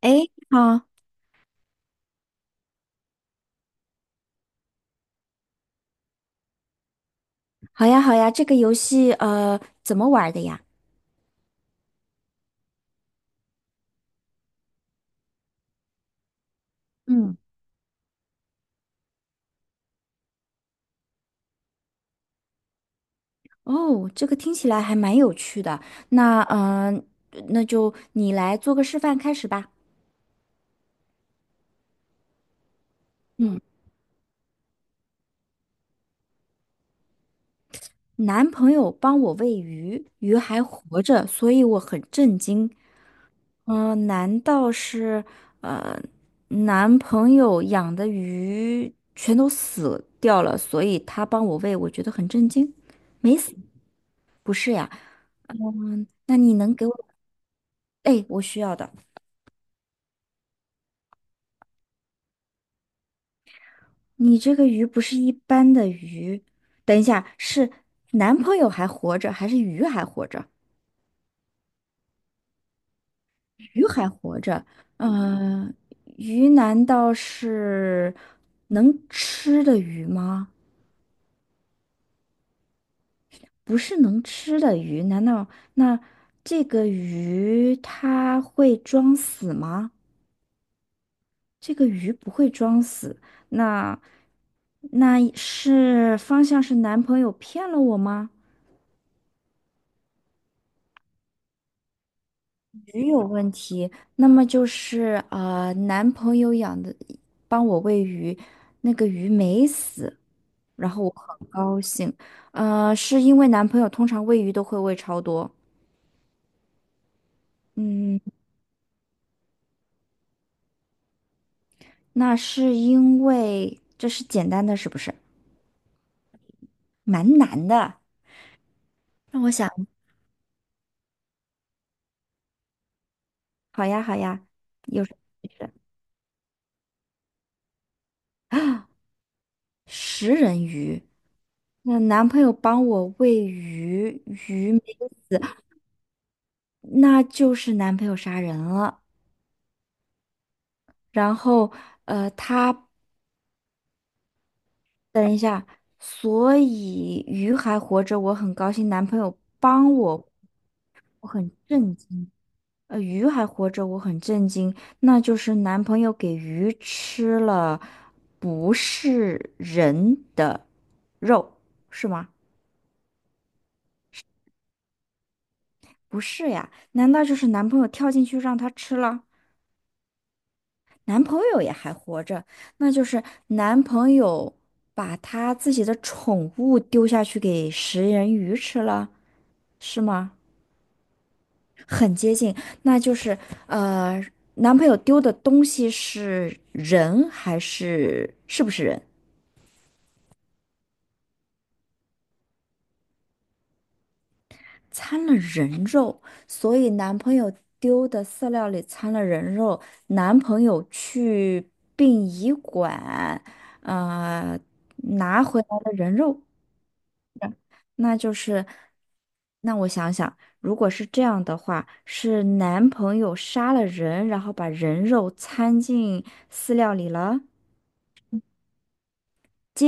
诶，好，好呀，好呀，这个游戏怎么玩的呀？嗯，哦，这个听起来还蛮有趣的。那嗯、呃那就你来做个示范开始吧。嗯，男朋友帮我喂鱼，鱼还活着，所以我很震惊。嗯、难道是呃男朋友养的鱼全都死掉了，所以他帮我喂，我觉得很震惊？没死，不是呀。嗯，那你能给我哎，我需要的。你这个鱼不是一般的鱼，等一下，是男朋友还活着，还是鱼还活着？鱼还活着，嗯、鱼难道是能吃的鱼吗？不是能吃的鱼，难道那这个鱼它会装死吗？这个鱼不会装死，那那是方向是男朋友骗了我吗？鱼有问题，那么就是男朋友养的，帮我喂鱼，那个鱼没死，然后我很高兴，呃，是因为男朋友通常喂鱼都会喂超多，嗯，那是因为这是简单的，是不是？蛮难的，那我想，好呀好呀，有什么啊，食人鱼，那男朋友帮我喂鱼，鱼没死，那就是男朋友杀人了。然后，呃，他等一下，所以鱼还活着，我很高兴。男朋友帮我，我很震惊。呃，鱼还活着，我很震惊。那就是男朋友给鱼吃了不是人的肉，是吗？不是呀，难道就是男朋友跳进去让他吃了？男朋友也还活着，那就是男朋友把他自己的宠物丢下去给食人鱼吃了，是吗？很接近，那就是呃，男朋友丢的东西是人还是不是人？掺了人肉，所以男朋友丢的饲料里掺了人肉，男朋友去殡仪馆，呃，拿回来了人肉。那就是，那我想想，如果是这样的话，是男朋友杀了人，然后把人肉掺进饲料里了，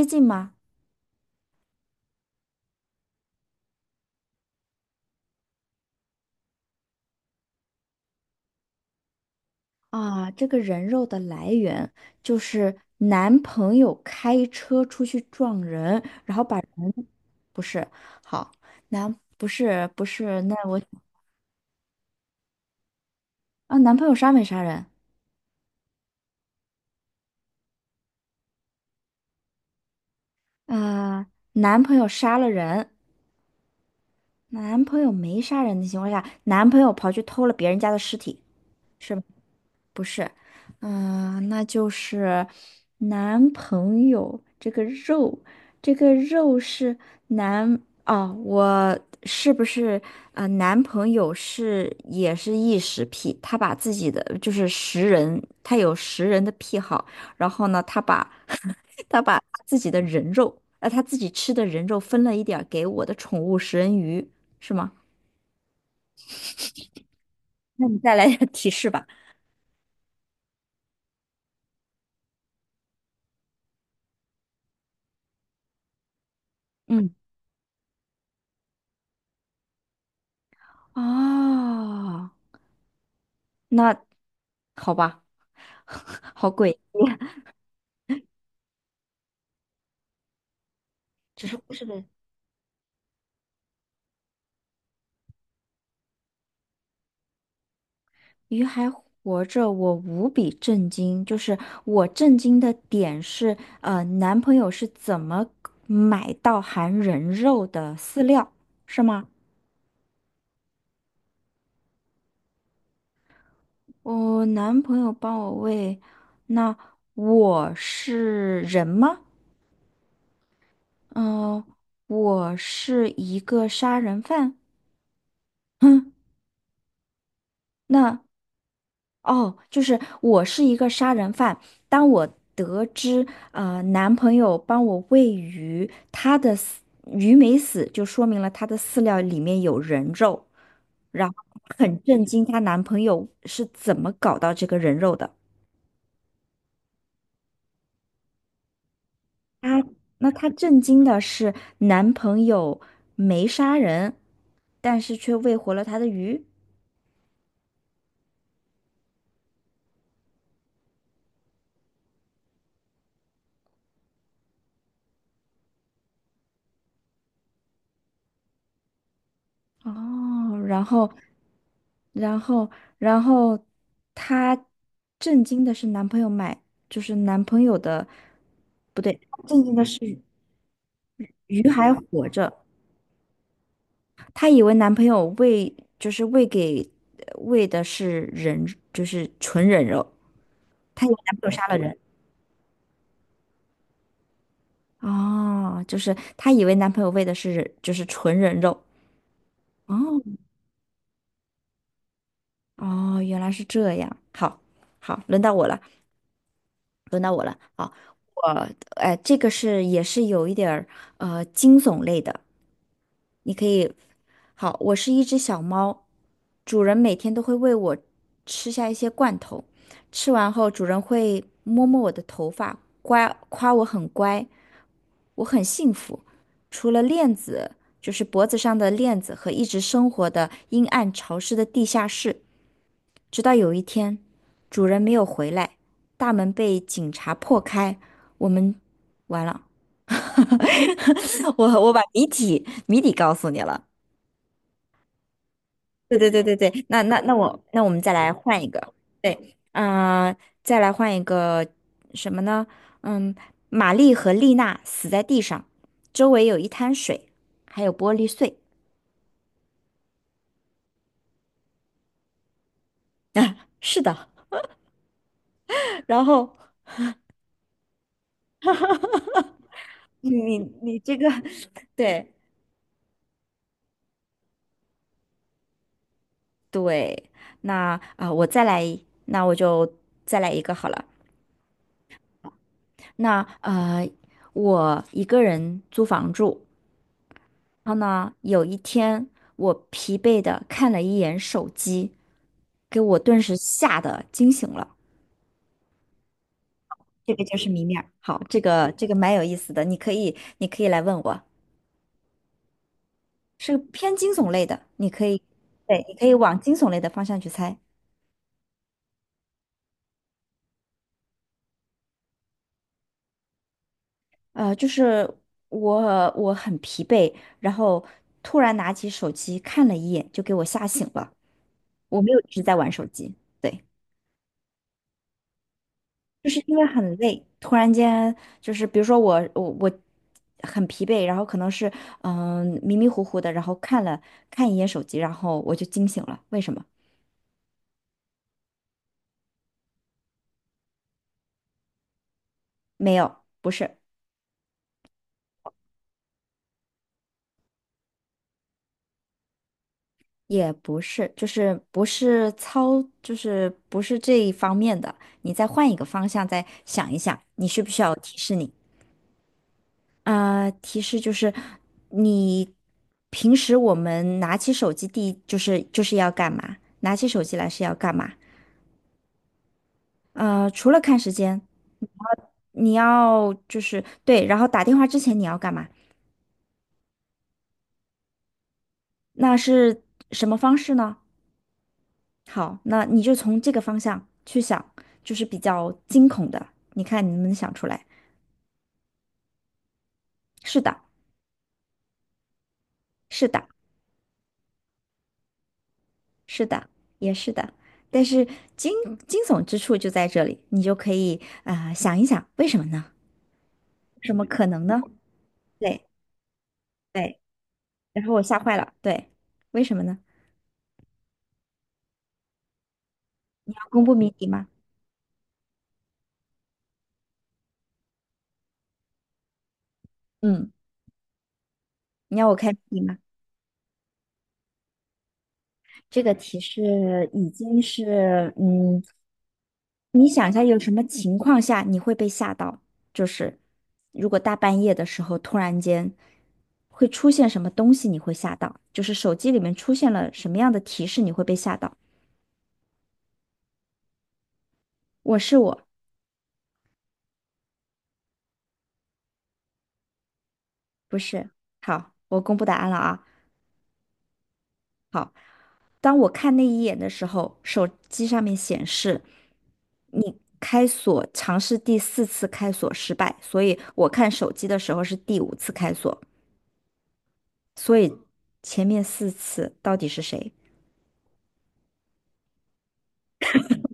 接近吗？啊，这个人肉的来源就是男朋友开车出去撞人，然后把人，不是，好，男，不是，不是，那我，啊，男朋友杀没杀人？啊，男朋友杀了人，男朋友没杀人的情况下，男朋友跑去偷了别人家的尸体。是吧？不是，嗯、那就是男朋友这个肉，这个肉是男哦，我是不是啊？男朋友是也是异食癖，他把自己的就是食人，他有食人的癖好，然后呢，他把 他把他自己的人肉，呃，他自己吃的人肉分了一点儿给我的宠物食人鱼，是吗？那你再来点儿提示吧。嗯，哦。那好吧，好鬼，鱼还活着，我无比震惊。就是我震惊的点是，呃，男朋友是怎么买到含人肉的饲料，是吗？我男朋友帮我喂，那我是人吗？嗯、我是一个杀人犯。哼，那。哦，就是我是一个杀人犯。当我得知呃男朋友帮我喂鱼，他的饲鱼没死，就说明了他的饲料里面有人肉。然后很震惊，她男朋友是怎么搞到这个人肉的？她那她震惊的是男朋友没杀人，但是却喂活了她的鱼。哦，然后，然后，然后，她震惊的是男朋友买，就是男朋友的，不对，震惊的是鱼还活着，她以为男朋友喂，就是喂给喂的是人，就是纯人肉，她以为男朋友杀了人，哦，就是她以为男朋友喂的是人，就是纯人肉，哦，哦，原来是这样，好，好，轮到我了，轮到我了，好。呃，哎，这个是也是有一点儿惊悚类的，你可以。好，我是一只小猫，主人每天都会喂我吃下一些罐头，吃完后主人会摸摸我的头发，乖，夸我很乖，我很幸福。除了链子，就是脖子上的链子和一直生活的阴暗潮湿的地下室，直到有一天，主人没有回来，大门被警察破开，我们完了。我把谜底告诉你了。对对对对对，那那那我那我们再来换一个，对，嗯，再来换一个什么呢？嗯，玛丽和丽娜死在地上，周围有一滩水，还有玻璃碎。啊，是的，然后 你这个，对，对，我再来，那我就再来一个好了。那呃，我一个人租房住，然后呢，有一天我疲惫的看了一眼手机，给我顿时吓得惊醒了。这个就是谜面儿。好，这个蛮有意思的，你可以来问我，是偏惊悚类的，你可以，对，你可以往惊悚类的方向去猜。呃，就是我很疲惫，然后突然拿起手机看了一眼，就给我吓醒了。我没有一直在玩手机，对，就是因为很累，突然间就是比如说我很疲惫，然后可能是嗯、迷迷糊糊的，然后看一眼手机，然后我就惊醒了。为什么？没有，不是，也不是，就是不是操，就是不是这一方面的。你再换一个方向再想一想，你需不需要我提示你？提示就是你平时我们拿起手机第一就是要干嘛？拿起手机来是要干嘛？呃，除了看时间，你要就是对，然后打电话之前你要干嘛？那是什么方式呢？好，那你就从这个方向去想，就是比较惊恐的，你看你能不能想出来？是的，是的，是的，也是的。但是惊惊悚之处就在这里，你就可以想一想，为什么呢？什么可能呢？对对，然后我吓坏了，对，为什么呢？要公布谜底吗？嗯，你要我开谜底吗？这个提示已经是，嗯，你想一下，有什么情况下你会被吓到？就是如果大半夜的时候突然间会出现什么东西，你会吓到？就是手机里面出现了什么样的提示，你会被吓到？我是我，不是。好，我公布答案了啊。当我看那一眼的时候，手机上面显示你开锁尝试第四次开锁失败，所以我看手机的时候是第五次开锁，所以前面四次到底是谁？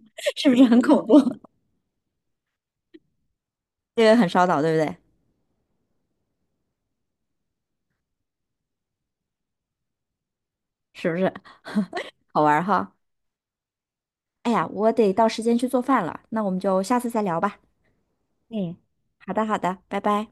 是不是很恐怖？这个很烧脑，对不对？是不是好玩儿哈？哎呀，我得到时间去做饭了，那我们就下次再聊吧。嗯，好的，好的，拜拜。